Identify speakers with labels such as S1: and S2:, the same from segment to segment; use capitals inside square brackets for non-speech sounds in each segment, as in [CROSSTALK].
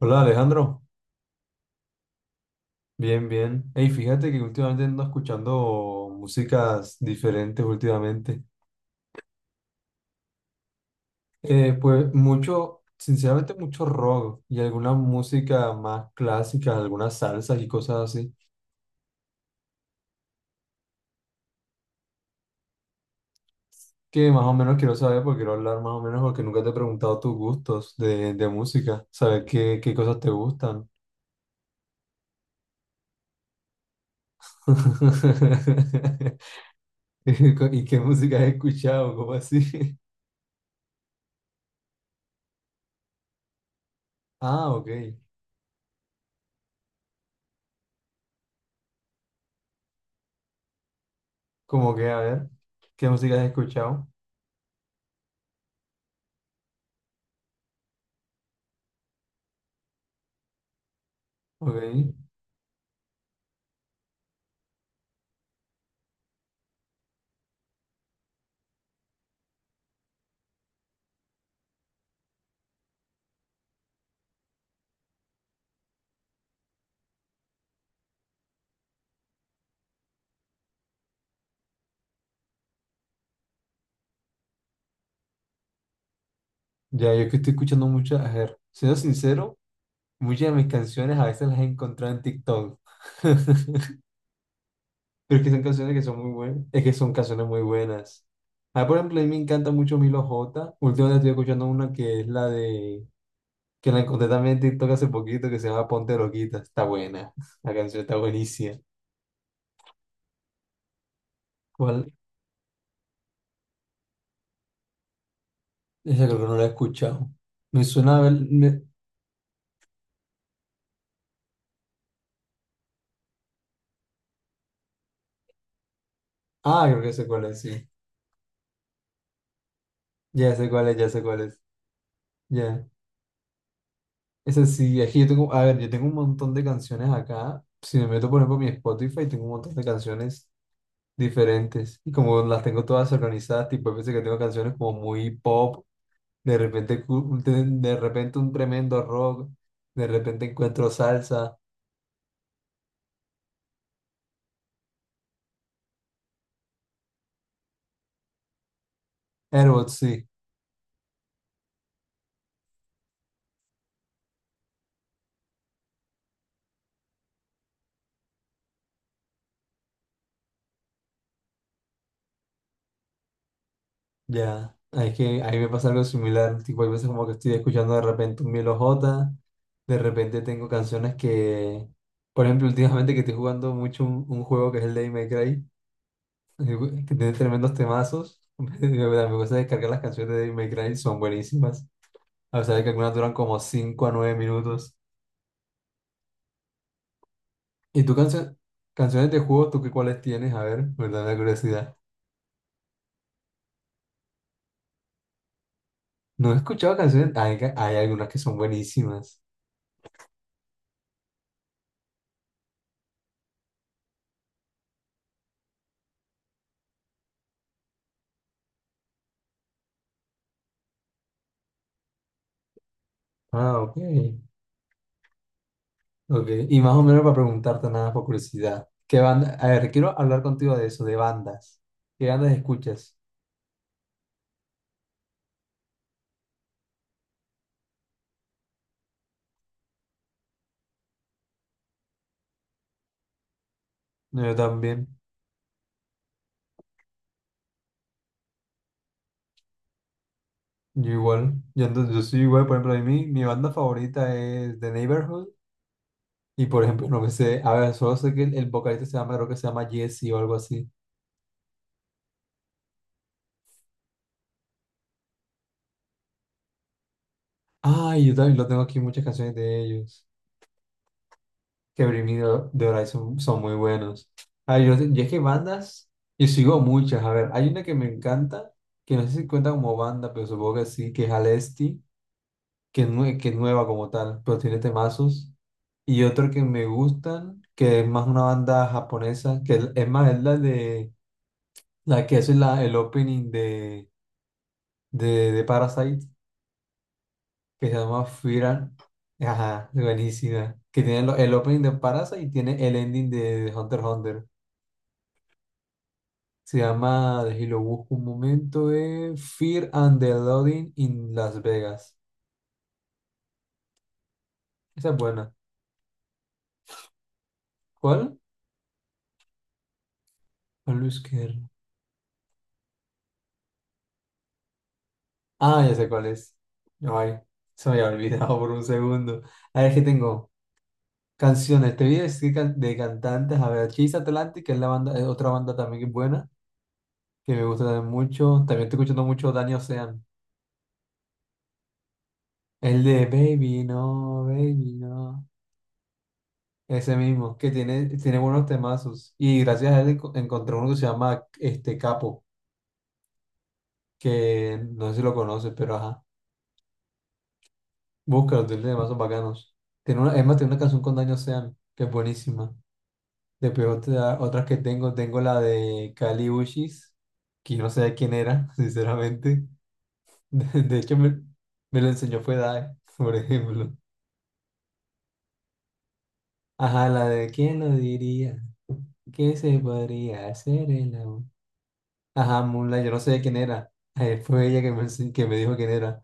S1: Hola Alejandro, bien, bien. Hey, fíjate que últimamente ando escuchando músicas diferentes últimamente. Pues mucho, sinceramente mucho rock y alguna música más clásica, algunas salsas y cosas así, que más o menos quiero saber porque quiero hablar más o menos porque nunca te he preguntado tus gustos de música, saber qué cosas te gustan. [LAUGHS] ¿Y qué música has escuchado? ¿Cómo así? [LAUGHS] Ah, ok. Como que, a ver, ¿qué música has escuchado? Ok, ya yo que estoy escuchando mucho, a ver, siendo sincero, muchas de mis canciones a veces las he encontrado en TikTok. [LAUGHS] Pero es que son canciones que son muy buenas, es que son canciones muy buenas. Ah, por ejemplo, a mí me encanta mucho Milo J, últimamente estoy escuchando una que es la de, que la encontré también en TikTok hace poquito, que se llama Ponte Loquita, está buena, la canción está buenísima. ¿Cuál? Esa creo que no la he escuchado. Me suena, a ver, ah, creo que sé cuál es, sí, ya sé cuál es, ya sé cuál es, ya. Ese sí, aquí yo tengo, a ver, yo tengo un montón de canciones acá. Si me meto, por ejemplo, en mi Spotify, tengo un montón de canciones diferentes. Y como las tengo todas organizadas, tipo, hay veces que tengo canciones como muy pop, de repente, de repente un tremendo rock, de repente encuentro salsa. Airbots, sí, ya. Es que ahí me pasa algo similar. Tipo, hay veces como que estoy escuchando de repente un Milo J, de repente tengo canciones que, por ejemplo, últimamente que estoy jugando mucho un juego que es el de May Cry. Güey, que tiene tremendos temazos. [LAUGHS] Me gusta descargar las canciones de Devil May Cry, son buenísimas. A pesar de que algunas duran como 5 a 9 minutos. ¿Y tú canciones de juegos, tú qué cuáles tienes? A ver, me da la curiosidad. No he escuchado canciones, hay algunas que son buenísimas. Ah, ok, ok. Y más o menos para preguntarte nada por curiosidad. ¿Qué banda? A ver, quiero hablar contigo de eso, de bandas. ¿Qué bandas escuchas? No, yo también. Yo igual, yo, yo soy igual. Por ejemplo, a mí mi banda favorita es The Neighborhood. Y por ejemplo, no me sé, a ver, solo sé que el vocalista se llama, creo que se llama Jesse o algo así. Ay, yo también lo tengo aquí, muchas canciones de ellos. Que Bring Me the Horizon son muy buenos. Ay, yo es que bandas, yo sigo muchas. A ver, hay una que me encanta, que no sé si cuenta como banda, pero supongo que sí, que es Alesti, que es, que es nueva como tal, pero tiene temazos. Y otro que me gustan, que es más una banda japonesa, que es más, es la de, la que hace la, el opening de, de Parasite. Que se llama Fear and- Ajá, buenísima. Que tiene el opening de Parasite y tiene el ending de Hunter x Hunter. Se llama, de, y lo busco un momento, es Fear and the Loading in Las Vegas. Esa es buena. ¿Cuál? A Luis Kerr. Ah, ya sé cuál es. Ay, se me había olvidado por un segundo. A ver, qué tengo canciones. Te voy a decir de cantantes. A ver, Chase Atlantic, que es la banda, es otra banda también que es buena, que me gusta también mucho. También estoy escuchando mucho Dani Ocean. El de Baby, no, Baby, no. Ese mismo, que tiene buenos temazos. Y gracias a él encontré uno que se llama este Capo, que no sé si lo conoces, pero ajá. Búscalo, tiene temazos bacanos. Tiene una, es más, tiene una canción con Daño Sean, que es buenísima. Después otras que tengo, tengo la de Kali Uchis, que no sé quién era, [LAUGHS] sinceramente. De hecho, me lo enseñó fue Dae, [LAUGHS] por ejemplo. Ajá, la de ¿Quién lo diría? ¿Qué se podría hacer el amor? Ajá, Moonlight, yo no sé quién era. Fue ella que que me dijo quién era.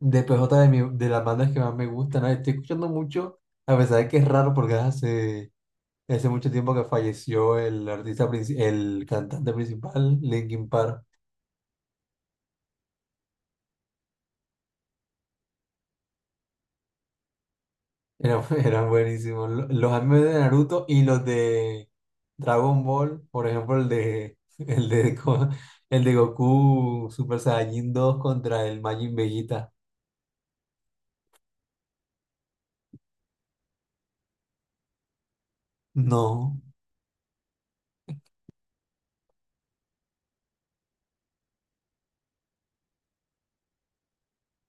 S1: Después otra de, de las bandas que más me gustan. Estoy escuchando mucho, a pesar de que es raro porque hace mucho tiempo que falleció el artista, el cantante principal, Linkin Park. [LAUGHS] Eran buenísimos. Los animes de Naruto y los de Dragon Ball. Por ejemplo, el de, [LAUGHS] el de, el de Goku Super Saiyajin dos contra el Majin Vegeta. No.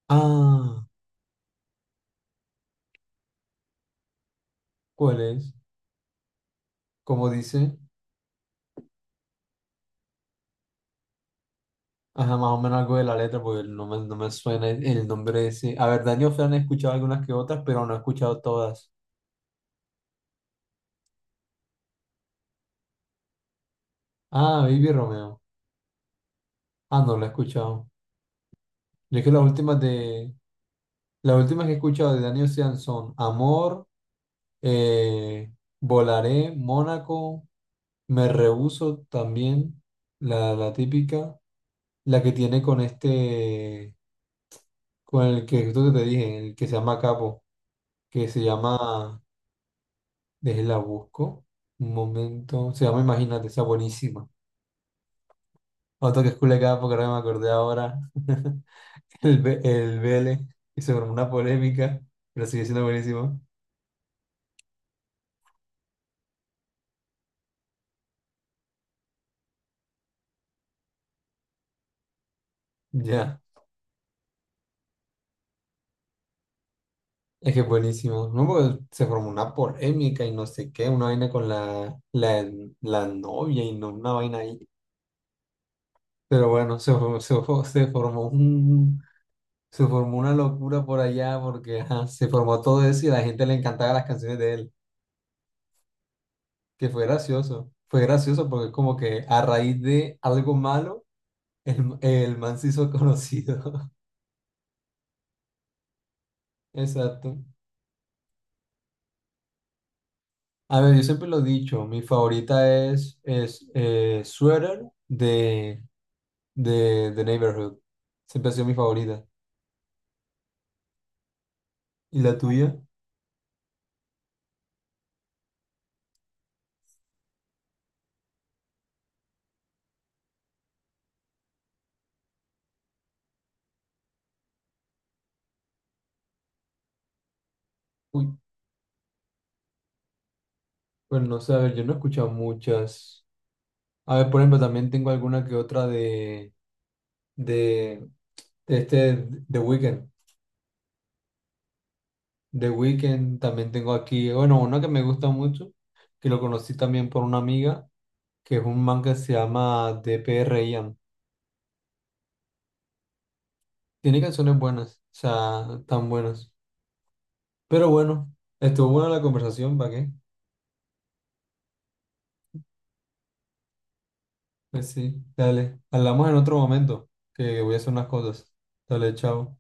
S1: Ah, ¿cuál es? ¿Como dice? Ajá, más o menos algo de la letra, porque no me suena el nombre ese. A ver, Daniel Fran he escuchado algunas que otras, pero no he escuchado todas. Ah, Baby Romeo. Ah, no, la he escuchado. Yo es que las últimas de, las últimas que he escuchado de Daniel Ocean son Amor, eh, Volaré, Mónaco, Me Rehuso también, la, típica, la que tiene con este, con el que, esto que te dije, el que se llama Capo, que se llama... Déjela busco. Un momento. Se llama Imagínate, está buenísima. Otro que es culecada porque ahora me acordé ahora. [LAUGHS] El Vélez. Y se formó una polémica, pero sigue siendo buenísimo. Ya. Es que es buenísimo. No, porque se formó una polémica y no sé qué, una vaina con la, la novia y no una vaina ahí. Pero bueno, se formó una locura por allá porque ajá, se formó todo eso y a la gente le encantaban las canciones de él. Que fue gracioso. Fue gracioso porque es como que a raíz de algo malo, el man se hizo conocido. [LAUGHS] Exacto. A ver, yo siempre lo he dicho, mi favorita es, Sweater de, The Neighborhood. Siempre ha sido mi favorita. ¿Y la tuya? Uy, pues no sé, a ver, yo no he escuchado muchas. A ver, por ejemplo, también tengo alguna que otra de, este The Weeknd. The Weeknd, también tengo aquí, bueno, uno que me gusta mucho, que lo conocí también por una amiga, que es un man que se llama DPR Ian. Tiene canciones buenas, o sea, tan buenas. Pero bueno, estuvo buena la conversación, ¿para qué? Pues sí, dale, hablamos en otro momento, que voy a hacer unas cosas. Dale, chao.